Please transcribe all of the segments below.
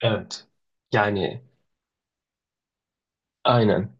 Evet. Yani aynen.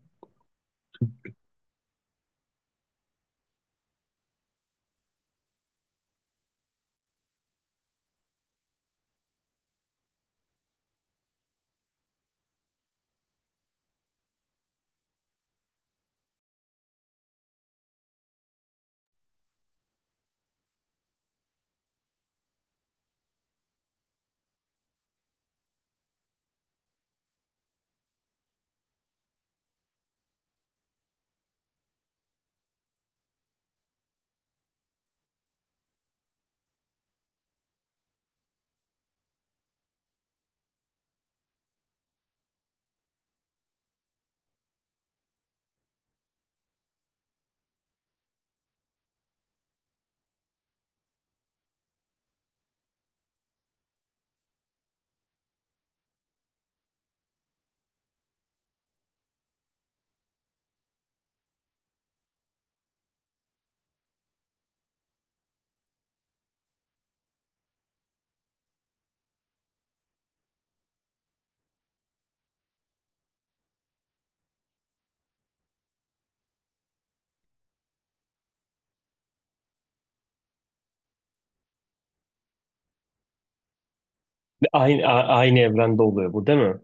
Aynı evrende oluyor bu değil mi?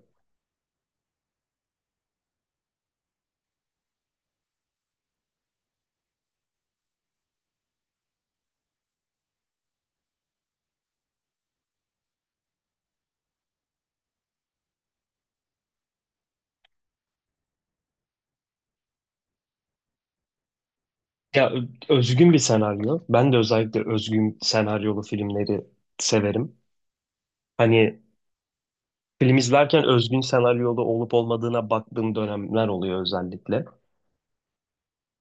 Ya özgün bir senaryo. Ben de özellikle özgün senaryolu filmleri severim. Hani film izlerken özgün senaryolu olup olmadığına baktığım dönemler oluyor özellikle.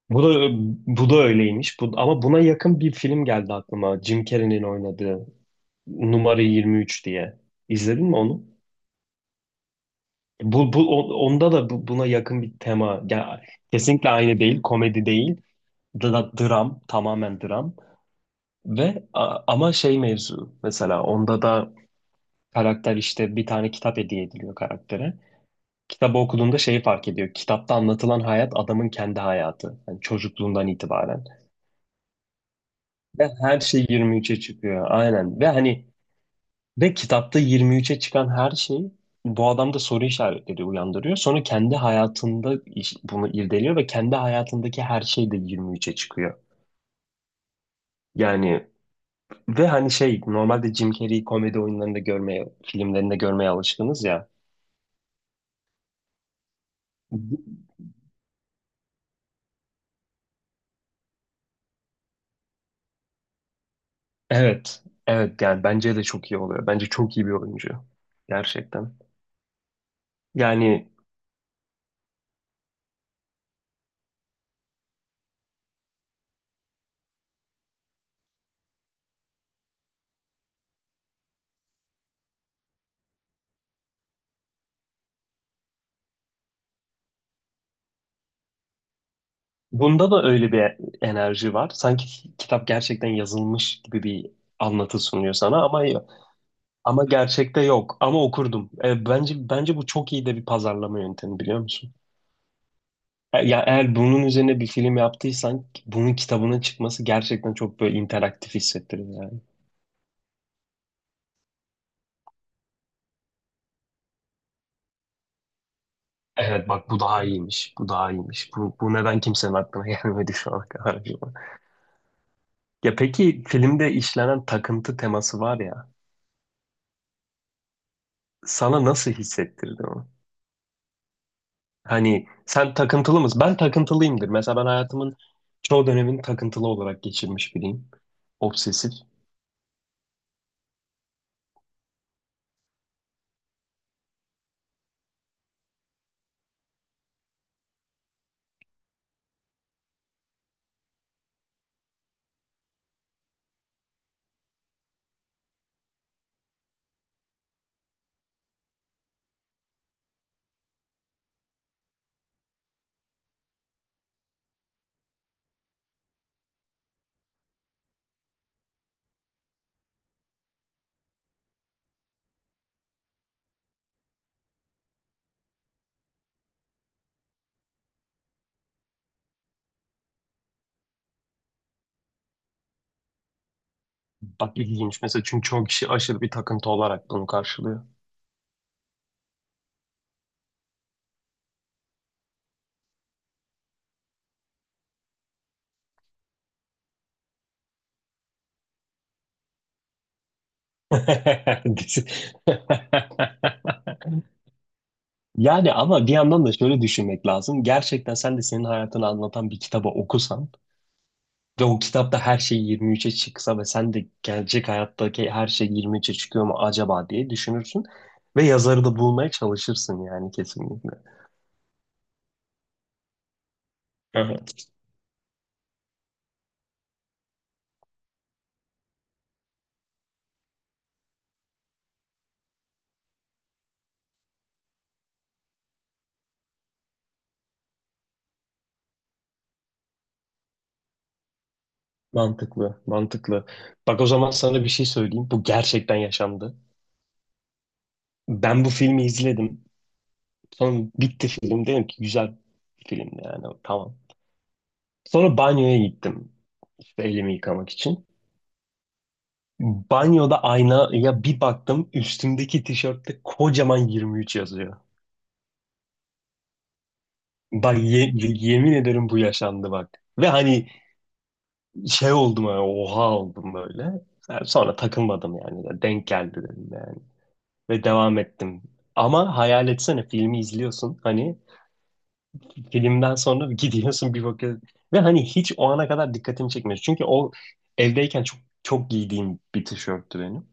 Bu da ö- bu da öyleymiş. Ama buna yakın bir film geldi aklıma. Jim Carrey'nin oynadığı Numara 23 diye. İzledin mi onu? Onda da buna yakın bir tema. Ya, kesinlikle aynı değil, komedi değil. Dram, tamamen dram ve ama şey mevzu, mesela onda da karakter işte bir tane kitap hediye ediliyor karaktere. Kitabı okuduğunda şeyi fark ediyor. Kitapta anlatılan hayat adamın kendi hayatı. Yani çocukluğundan itibaren. Ve her şey 23'e çıkıyor. Aynen. Ve hani, kitapta 23'e çıkan her şey bu adamda soru işaretleri uyandırıyor. Sonra kendi hayatında bunu irdeliyor ve kendi hayatındaki her şey de 23'e çıkıyor. Yani. Ve hani şey, normalde Jim Carrey'i komedi oyunlarında görmeye, filmlerinde görmeye alışkınız ya. Evet. Evet, yani bence de çok iyi oluyor. Bence çok iyi bir oyuncu. Gerçekten. Yani bunda da öyle bir enerji var. Sanki kitap gerçekten yazılmış gibi bir anlatı sunuyor sana, ama gerçekte yok. Ama okurdum. Bence bu çok iyi de bir pazarlama yöntemi, biliyor musun? Ya eğer bunun üzerine bir film yaptıysan, bunun kitabının çıkması gerçekten çok böyle interaktif hissettirir yani. Evet bak, bu daha iyiymiş. Bu daha iyiymiş. Bu neden kimsenin aklına gelmedi şu ana kadar acaba? Ya peki, filmde işlenen takıntı teması var ya. Sana nasıl hissettirdi o? Hani sen takıntılı mısın? Ben takıntılıyımdır. Mesela ben hayatımın çoğu dönemini takıntılı olarak geçirmiş biriyim. Obsesif. Bak ilginç mesela, çünkü çoğu kişi aşırı bir takıntı olarak bunu karşılıyor. Yani ama bir yandan da şöyle düşünmek lazım. Gerçekten sen de senin hayatını anlatan bir kitabı okusan ve o kitapta her şey 23'e çıksa, ve sen de gelecek hayattaki her şey 23'e çıkıyor mu acaba diye düşünürsün. Ve yazarı da bulmaya çalışırsın, yani kesinlikle. Evet. Mantıklı, mantıklı. Bak o zaman sana bir şey söyleyeyim. Bu gerçekten yaşandı. Ben bu filmi izledim. Sonra bitti film. Dedim ki güzel bir filmdi yani. Tamam. Sonra banyoya gittim. İşte elimi yıkamak için. Banyoda aynaya bir baktım. Üstümdeki tişörtte kocaman 23 yazıyor. Bak yemin ederim bu yaşandı bak. Ve hani şey oldum yani, oha oldum böyle. Yani sonra takılmadım yani. Ya denk geldi dedim yani. Ve devam ettim. Ama hayal etsene, filmi izliyorsun. Hani filmden sonra gidiyorsun bir bakıyorsun. Ve hani hiç o ana kadar dikkatimi çekmiyor. Çünkü o evdeyken çok çok giydiğim bir tişörttü benim.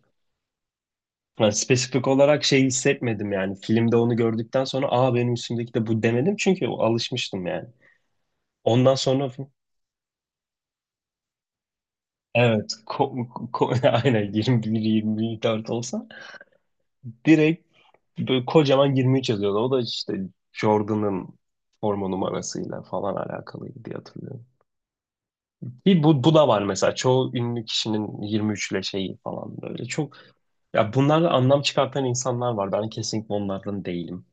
Yani spesifik olarak şey hissetmedim yani. Filmde onu gördükten sonra aa, benim üstümdeki de bu demedim. Çünkü alışmıştım yani. Ondan sonra. Evet. Aynen 21-24 olsa direkt böyle kocaman 23 yazıyordu. O da işte Jordan'ın forma numarasıyla falan alakalıydı diye hatırlıyorum. Bir bu da var mesela. Çoğu ünlü kişinin 23 ile şeyi falan böyle. Çok ya, bunlarla anlam çıkartan insanlar var. Ben kesinlikle onlardan değilim.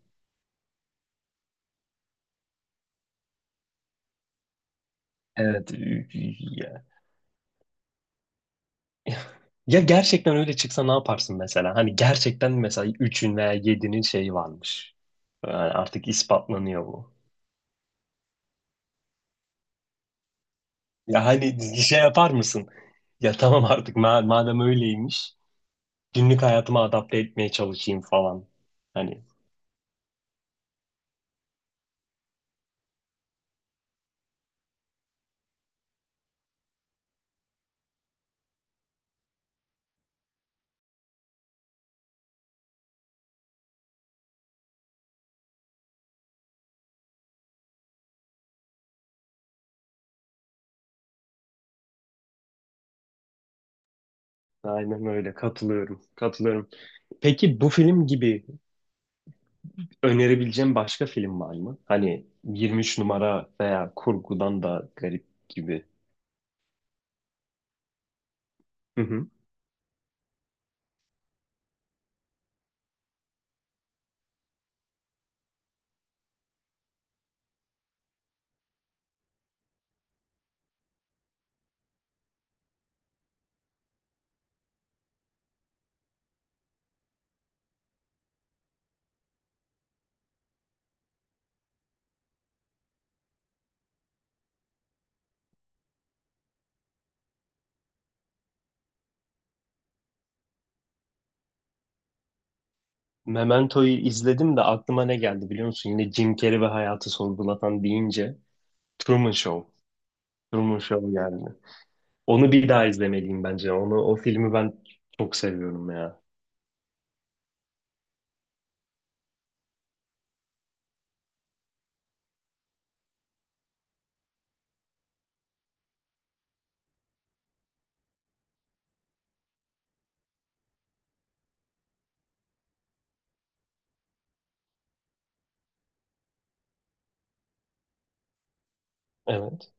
Evet. Ya, gerçekten öyle çıksa ne yaparsın mesela? Hani gerçekten mesela 3'ün veya 7'nin şeyi varmış. Yani artık ispatlanıyor bu. Ya hani şey yapar mısın? Ya tamam, artık madem öyleymiş, günlük hayatıma adapte etmeye çalışayım falan. Hani aynen öyle, katılıyorum. Katılıyorum. Peki bu film gibi önerebileceğim başka film var mı? Hani 23 numara veya kurgudan da garip gibi. Hı hı. Memento'yu izledim de aklıma ne geldi biliyor musun? Yine Jim Carrey ve hayatı sorgulatan deyince Truman Show. Truman Show geldi. Onu bir daha izlemeliyim bence. O filmi ben çok seviyorum ya. Evet.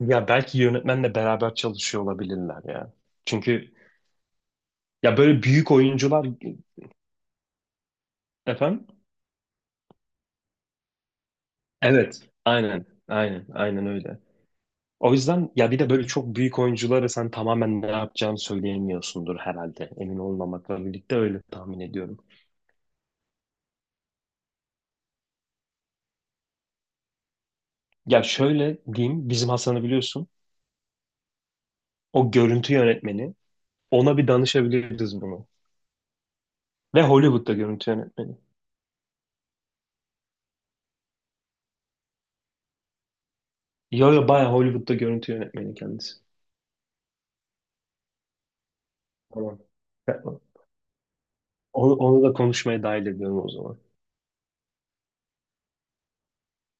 Ya belki yönetmenle beraber çalışıyor olabilirler ya. Çünkü ya böyle büyük oyuncular. Efendim. Evet. Aynen. Aynen. Aynen öyle. O yüzden ya, bir de böyle çok büyük oyunculara sen tamamen ne yapacağını söyleyemiyorsundur herhalde. Emin olmamakla birlikte öyle tahmin ediyorum. Ya şöyle diyeyim. Bizim Hasan'ı biliyorsun. O görüntü yönetmeni. Ona bir danışabiliriz bunu. Ve Hollywood'da görüntü yönetmeni. Yo yo, bayağı Hollywood'da görüntü yönetmeni kendisi. Tamam. Onu da konuşmaya dahil ediyorum o zaman.